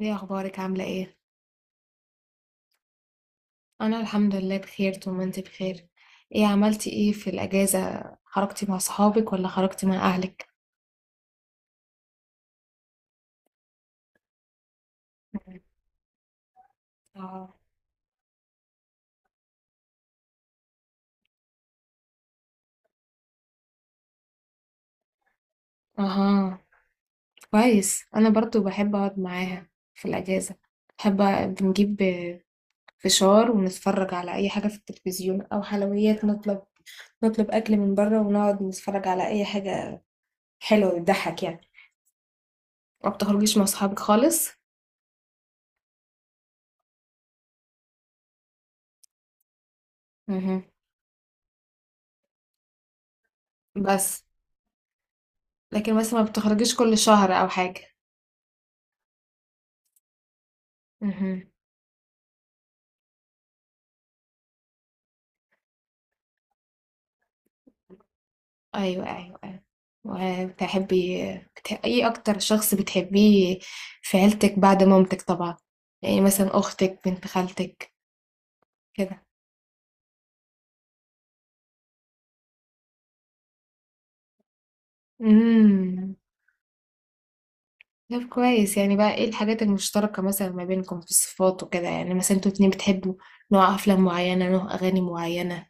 ايه اخبارك؟ عامله ايه؟ انا الحمد لله بخير طول ما انت بخير. ايه عملتي ايه في الاجازه؟ خرجتي مع صحابك ولا خرجتي مع اهلك؟ اه. اها. كويس، انا برضو بحب اقعد معاها في الاجازه. بحب بنجيب فشار ونتفرج على اي حاجه في التلفزيون، او حلويات نطلب اكل من بره ونقعد نتفرج على اي حاجه حلوه، بتضحك يعني. ما بتخرجيش مع صحابك خالص؟ مهم. بس. لكن مثلا ما بتخرجيش كل شهر او حاجه؟ مهم. أيوه أيوه أيوه. وبتحبي، إيه أكتر شخص بتحبيه في عيلتك بعد مامتك طبعا؟ يعني مثلا أختك، بنت خالتك، كده. امم. طب كويس، يعني بقى إيه الحاجات المشتركة مثلا ما بينكم في الصفات وكده؟ يعني مثلا انتوا اتنين بتحبوا نوع أفلام معينة، نوع أغاني معينة؟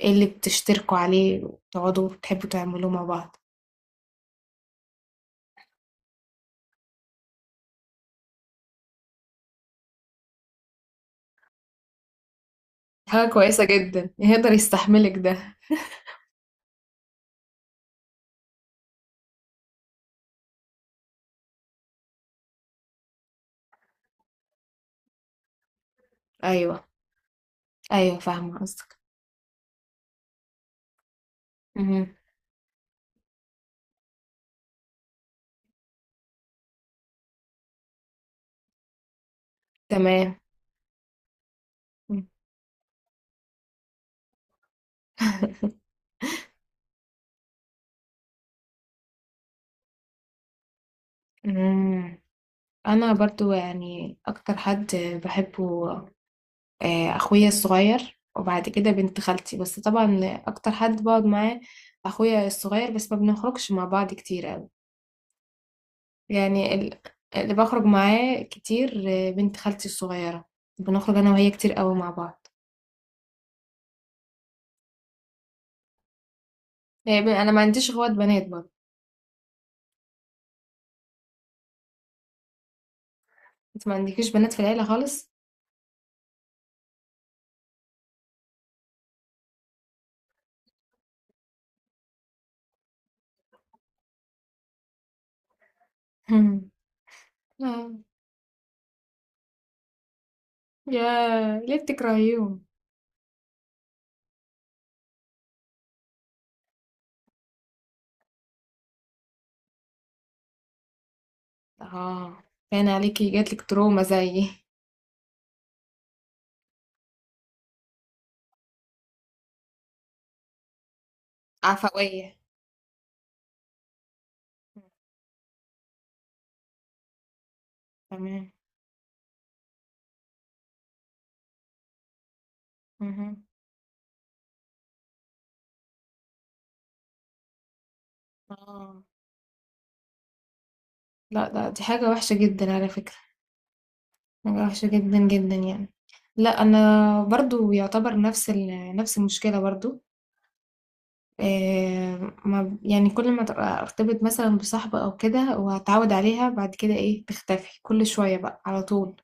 إيه اللي بتشتركوا عليه وتقعدوا بتحبوا تعملوه مع بعض؟ حاجة كويسة جدا، يقدر يستحملك ده. أيوه أيوه، فاهمة قصدك. مهم. تمام. مم. انا برضو يعني اكتر حد بحبه، اخويا الصغير، وبعد كده بنت خالتي. بس طبعا اكتر حد بقعد معاه اخويا الصغير، بس ما بنخرجش مع بعض كتير قوي. يعني اللي بخرج معاه كتير، بنت خالتي الصغيرة. بنخرج انا وهي كتير قوي مع بعض. يعني انا ما عنديش اخوات بنات برضو. انت ما عندكيش بنات في العيلة خالص؟ مم. آه. يا ليه بتكرهيهم؟ اه. كان عليكي جاتلك تروما زي. عفوية. تمام. اهم. آه. لأ، دي حاجة وحشة جدًا على فكرة. حاجة وحشة جدًا، جدًا يعني. لأ، أنا برضه يعتبر نفس المشكلة برضه. آآ، ما يعني كل ما تبقى أرتبط مثلًا بصاحبة أو كده وأتعود عليها، بعد كده إيه، تختفي كل شوية بقى على طول.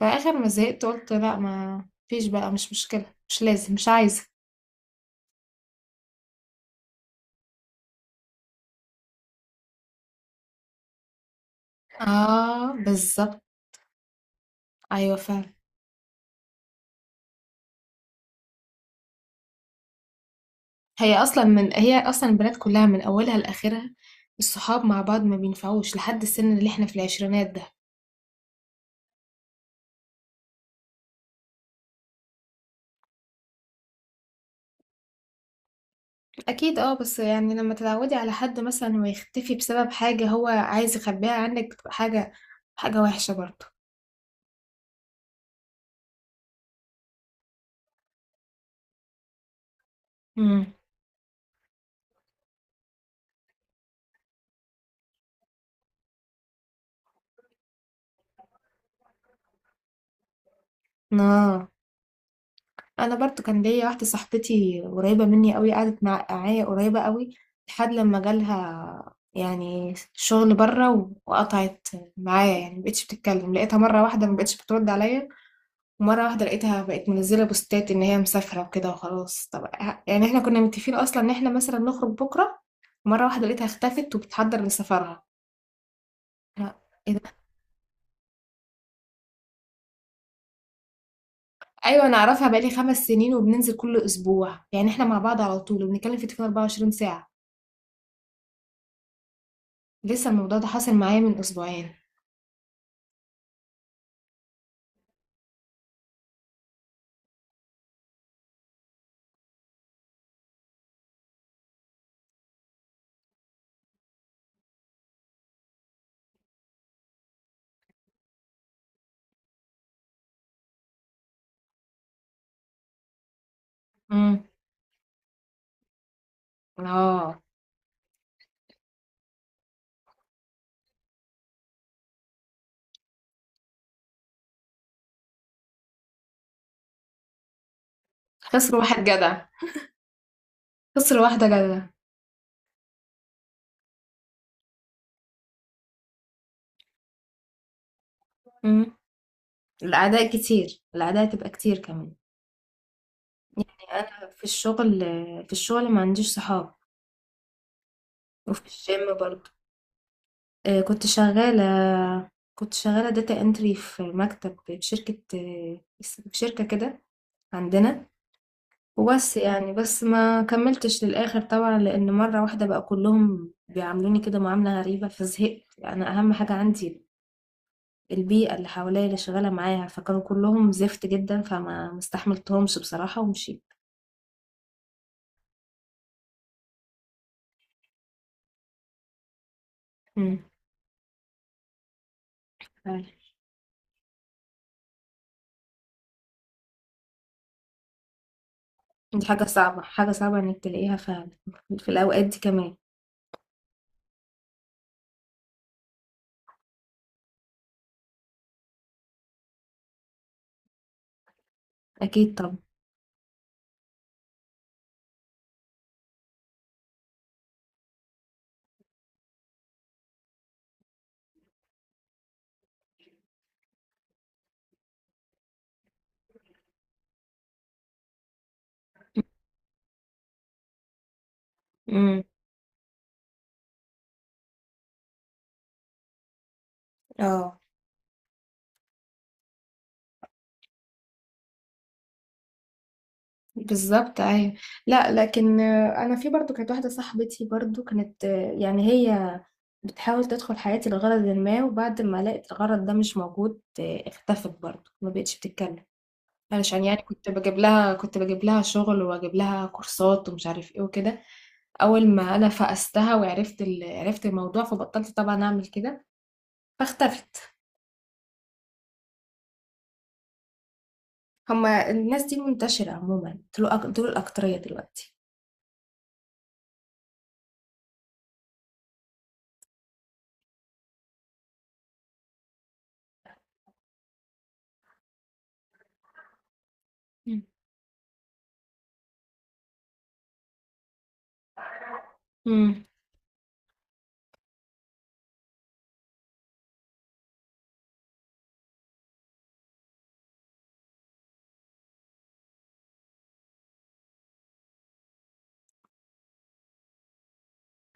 فآخر ما زهقت قُلت لأ، ما فيش بقى، مش مشكلة، مش لازم، مش عايزة. آه، بالضبط. أيوه فعلًا. هي اصلا البنات كلها من اولها لاخرها. الصحاب مع بعض ما بينفعوش لحد السن اللي احنا في العشرينات ده. اكيد. اه، بس يعني لما تتعودي على حد مثلا ويختفي بسبب حاجة هو عايز يخبيها عنك، بتبقى حاجة وحشة برضه. امم. اه، انا برضه كان ليا واحدة صاحبتي قريبة مني قوي، قعدت معايا قريبة قوي لحد لما جالها يعني شغل بره، وقطعت معايا. يعني مبقتش بتتكلم. لقيتها مرة واحدة مبقتش بترد عليا. مرة واحدة لقيتها بقت منزلة بوستات إن هي مسافرة وكده وخلاص. طب يعني احنا كنا متفقين أصلا إن احنا مثلا نخرج بكرة. مرة واحدة لقيتها اختفت وبتحضر لسفرها. أنا- إيه ده؟ أيوة أنا أعرفها بقالي 5 سنين، وبننزل كل أسبوع، يعني احنا مع بعض على طول، وبنتكلم في التليفون 24 ساعة. لسه الموضوع ده حاصل معايا من أسبوعين. امم. اه. خسر واحد جدع. خسر واحدة جدع. امم. الأعداء كتير، الأعداء تبقى كتير كمان. يعني أنا في الشغل ما عنديش صحاب. وفي الجيم برضه. آه، كنت شغالة كنت شغالة داتا انتري في مكتب في شركة، في شركة كده عندنا. وبس يعني، بس ما كملتش للآخر طبعا، لأن مرة واحدة بقى كلهم بيعاملوني كده معاملة غريبة فزهقت. يعني أهم حاجة عندي البيئة اللي حواليا اللي شغالة معايا، فكانوا كلهم زفت جدا فما مستحملتهمش بصراحة ومشيت. امم. فعلا. دي حاجة صعبة، حاجة صعبة إنك تلاقيها فعلا في الأوقات دي كمان. أكيد طبعا. امم. اه، بالظبط، ايوه. لا لكن انا في برضو كانت واحده صاحبتي برضو كانت، يعني هي بتحاول تدخل حياتي لغرض ما، وبعد ما لقت الغرض ده مش موجود، اختفت برضو، ما بقتش بتتكلم. علشان يعني كنت بجيب لها شغل، واجيب لها كورسات ومش عارف ايه وكده. اول ما انا فقستها وعرفت عرفت الموضوع، فبطلت طبعا اعمل كده، فاختفت. هما الناس دي منتشره عموما، دول الاكتريه دلوقتي. مم. مم.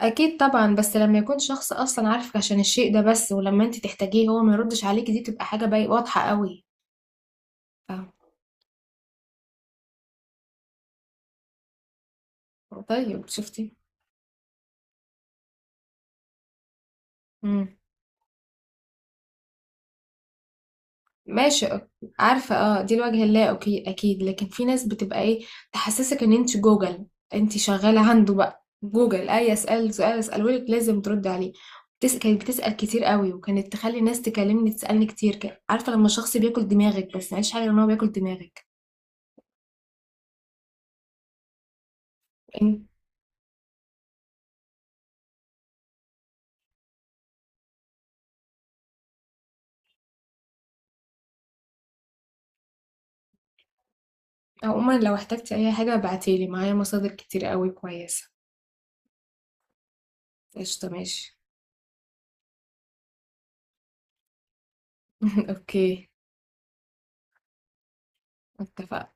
اكيد طبعا، بس لما يكون شخص اصلا عارفك عشان الشيء ده بس، ولما انت تحتاجيه هو ما يردش عليكي، دي تبقى حاجه باي واضحه قوي. فاهمة؟ طيب شفتي. امم. ماشي عارفه، اه دي الوجه اللا اوكي اكيد، لكن في ناس بتبقى ايه، تحسسك ان انت جوجل. انت شغاله عنده بقى جوجل، اي اسال سؤال اساله لك لازم ترد عليه. كانت بتسال كتير قوي، وكانت تخلي الناس تكلمني تسالني كتير، عارفه لما شخص بياكل دماغك، بس معلش حاجه ان هو بياكل دماغك. عموما لو احتجتي اي حاجة ابعتيلي، معايا مصادر كتير قوي كويسة. قشطة ماشي. اوكي. اتفقنا.